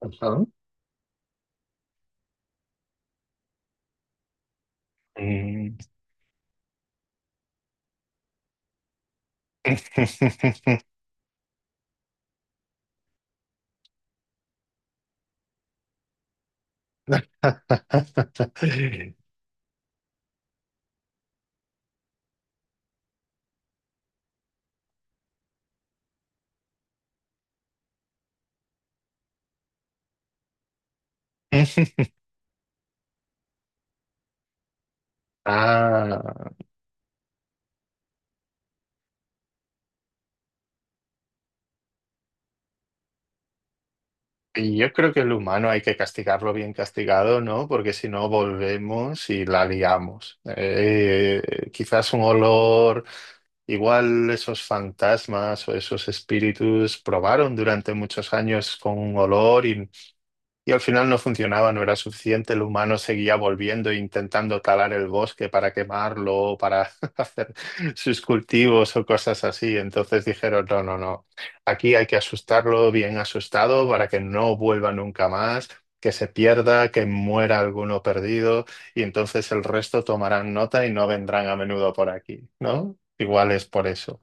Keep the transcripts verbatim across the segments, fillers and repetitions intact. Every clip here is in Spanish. Ajá. Mm. Ah, y yo creo que el humano hay que castigarlo bien castigado, ¿no? Porque si no volvemos y la liamos. Eh, quizás un olor, igual esos fantasmas o esos espíritus probaron durante muchos años con un olor y Y al final no funcionaba, no era suficiente. El humano seguía volviendo e intentando talar el bosque para quemarlo, o para hacer sus cultivos o cosas así. Entonces dijeron, no, no, no, aquí hay que asustarlo bien asustado para que no vuelva nunca más, que se pierda, que muera alguno perdido y entonces el resto tomarán nota y no vendrán a menudo por aquí, ¿no? Igual es por eso.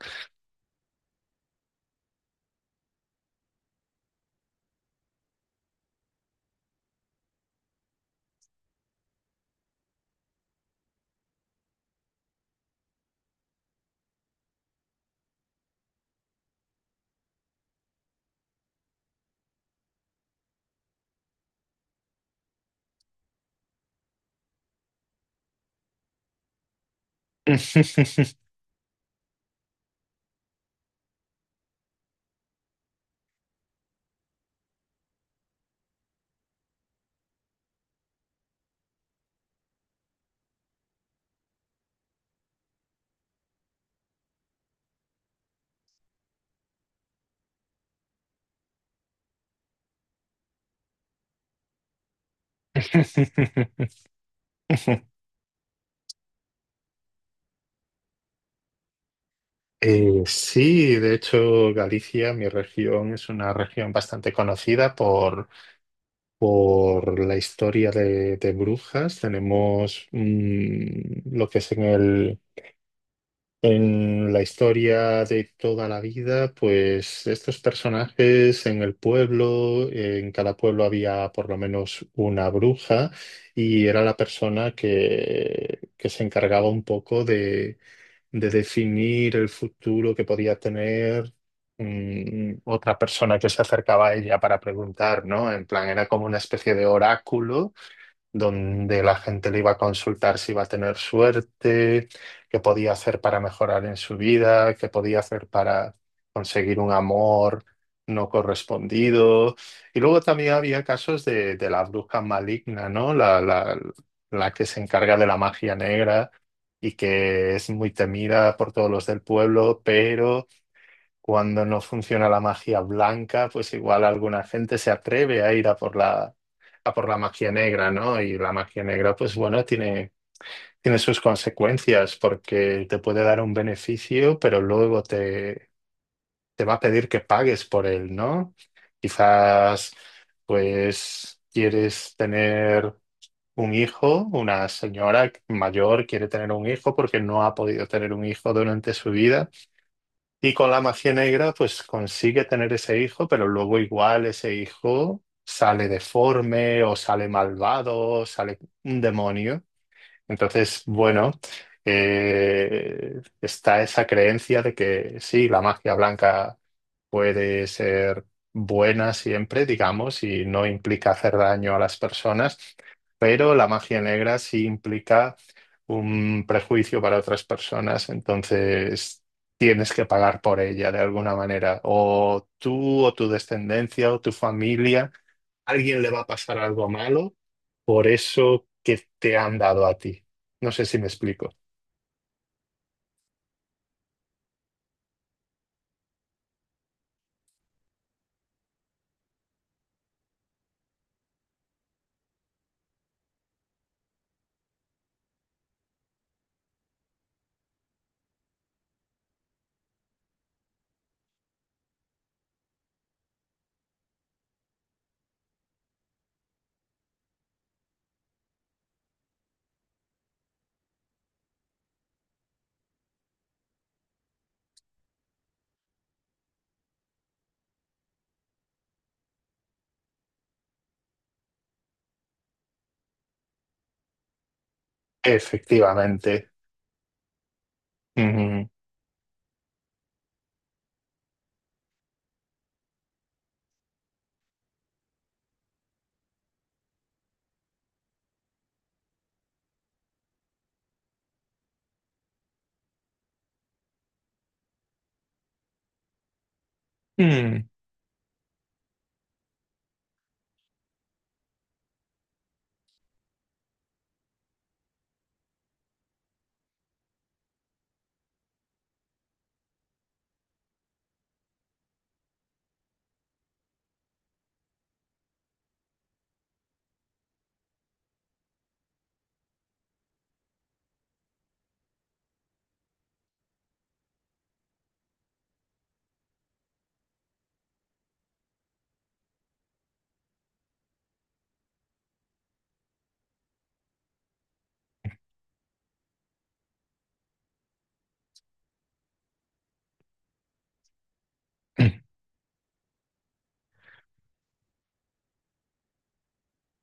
Eh, sí, de hecho, Galicia, mi región, es una región bastante conocida por, por la historia de, de brujas. Tenemos mm, lo que es en el, en la historia de toda la vida, pues estos personajes en el pueblo, en cada pueblo había por lo menos una bruja y era la persona que, que se encargaba un poco de de definir el futuro que podía tener mm, otra persona que se acercaba a ella para preguntar, ¿no? En plan, era como una especie de oráculo donde la gente le iba a consultar si iba a tener suerte, qué podía hacer para mejorar en su vida, qué podía hacer para conseguir un amor no correspondido. Y luego también había casos de, de la bruja maligna, ¿no? La, la, la que se encarga de la magia negra y que es muy temida por todos los del pueblo, pero cuando no funciona la magia blanca, pues igual alguna gente se atreve a ir a por la, a por la magia negra, ¿no? Y la magia negra, pues bueno, tiene, tiene sus consecuencias porque te puede dar un beneficio, pero luego te, te va a pedir que pagues por él, ¿no? Quizás, pues, quieres tener un hijo, una señora mayor quiere tener un hijo porque no ha podido tener un hijo durante su vida. Y con la magia negra, pues consigue tener ese hijo, pero luego igual ese hijo sale deforme o sale malvado, o sale un demonio. Entonces, bueno, eh, está esa creencia de que sí, la magia blanca puede ser buena siempre, digamos, y no implica hacer daño a las personas, pero la magia negra sí implica un prejuicio para otras personas, entonces tienes que pagar por ella de alguna manera, o tú o tu descendencia o tu familia, alguien le va a pasar algo malo por eso que te han dado a ti. No sé si me explico. Efectivamente. Ujú. Mm.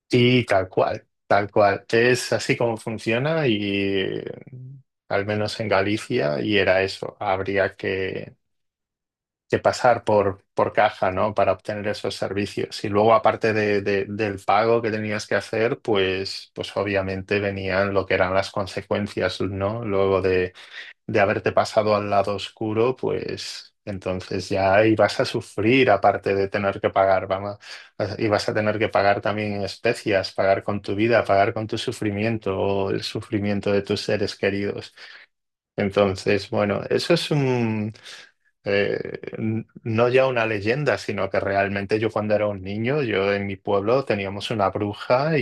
Sí, tal cual, tal cual. Es así como funciona y eh, al menos en Galicia y era eso. Habría que, que pasar por, por caja, ¿no? Para obtener esos servicios. Y luego, aparte de- de- del pago que tenías que hacer, pues, pues obviamente venían lo que eran las consecuencias, ¿no? Luego de haberte pasado al lado oscuro, pues entonces ya ibas a sufrir, aparte de tener que pagar, vamos, ibas a tener que pagar también en especias, pagar con tu vida, pagar con tu sufrimiento o el sufrimiento de tus seres queridos. Entonces, bueno, eso es un, eh, n- no ya una leyenda, sino que realmente yo cuando era un niño, yo en mi pueblo teníamos una bruja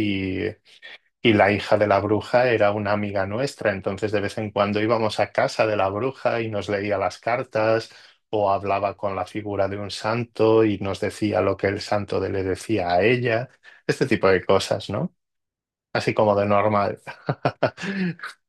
y la hija de la bruja era una amiga nuestra, entonces de vez en cuando íbamos a casa de la bruja y nos leía las cartas o hablaba con la figura de un santo y nos decía lo que el santo de- le decía a ella, este tipo de cosas, ¿no? Así como de normal.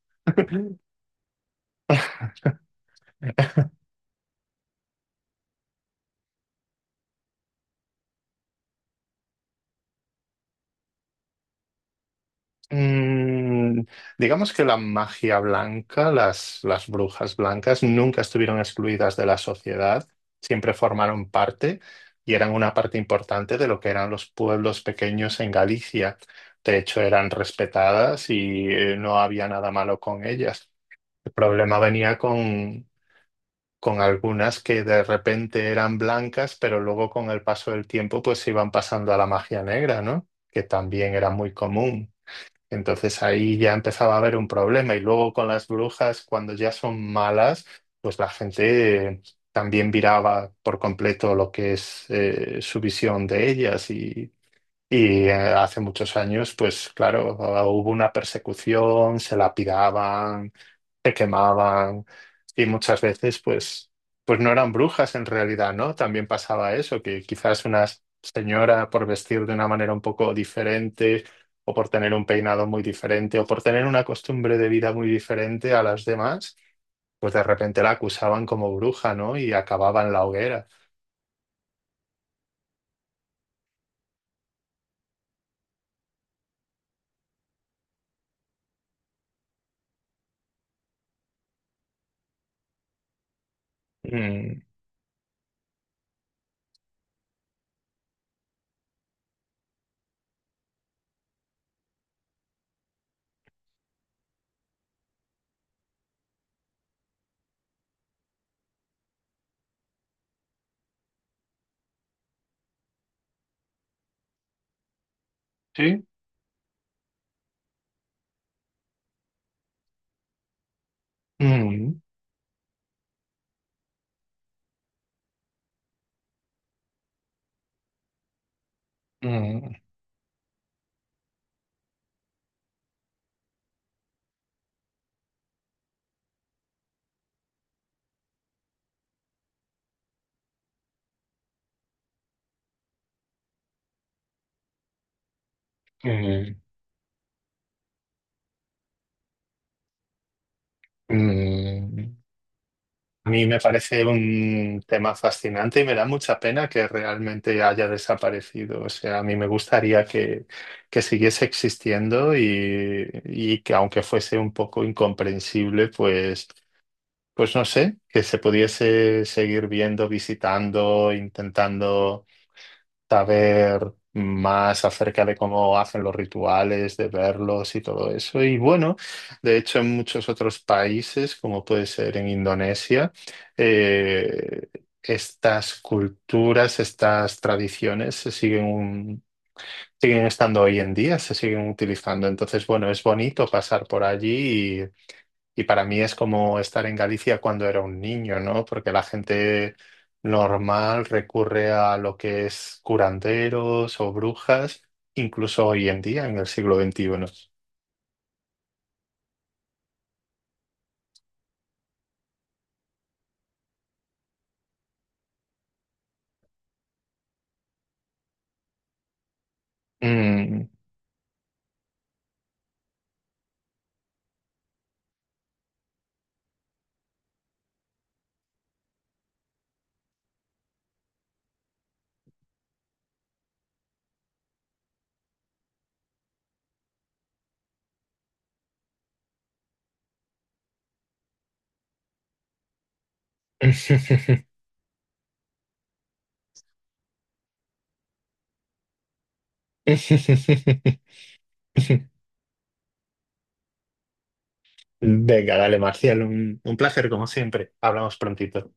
Mm, digamos que la magia blanca, las, las brujas blancas, nunca estuvieron excluidas de la sociedad, siempre formaron parte y eran una parte importante de lo que eran los pueblos pequeños en Galicia. De hecho, eran respetadas y eh, no había nada malo con ellas. El problema venía con, con algunas que de repente eran blancas, pero luego con el paso del tiempo pues se iban pasando a la magia negra, ¿no? Que también era muy común. Entonces ahí ya empezaba a haber un problema y luego con las brujas, cuando ya son malas, pues la gente eh, también viraba por completo lo que es eh, su visión de ellas y, y, eh, hace muchos años, pues claro, hubo una persecución, se lapidaban, se quemaban y muchas veces pues, pues no eran brujas en realidad, ¿no? También pasaba eso, que quizás una señora por vestir de una manera un poco diferente o por tener un peinado muy diferente o por tener una costumbre de vida muy diferente a las demás, pues de repente la acusaban como bruja, ¿no? Y acababa en la hoguera. Mm, sí. Mm, mm, mm, mm. A mí me parece un tema fascinante y me da mucha pena que realmente haya desaparecido. O sea, a mí me gustaría que, que siguiese existiendo y, y que aunque fuese un poco incomprensible, pues, pues no sé, que se pudiese seguir viendo, visitando, intentando saber más acerca de cómo hacen los rituales, de verlos y todo eso. Y bueno, de hecho en muchos otros países, como puede ser en Indonesia, eh, estas culturas, estas tradiciones se siguen, un- siguen estando hoy en día, se siguen utilizando. Entonces, bueno, es bonito pasar por allí y para mí es como estar en Galicia cuando era un niño, ¿no? Porque la gente normal recurre a lo que es curanderos o brujas, incluso hoy en día, en el siglo veintiuno. Mm. Venga, dale, Marcial, un, un placer como siempre. Hablamos prontito.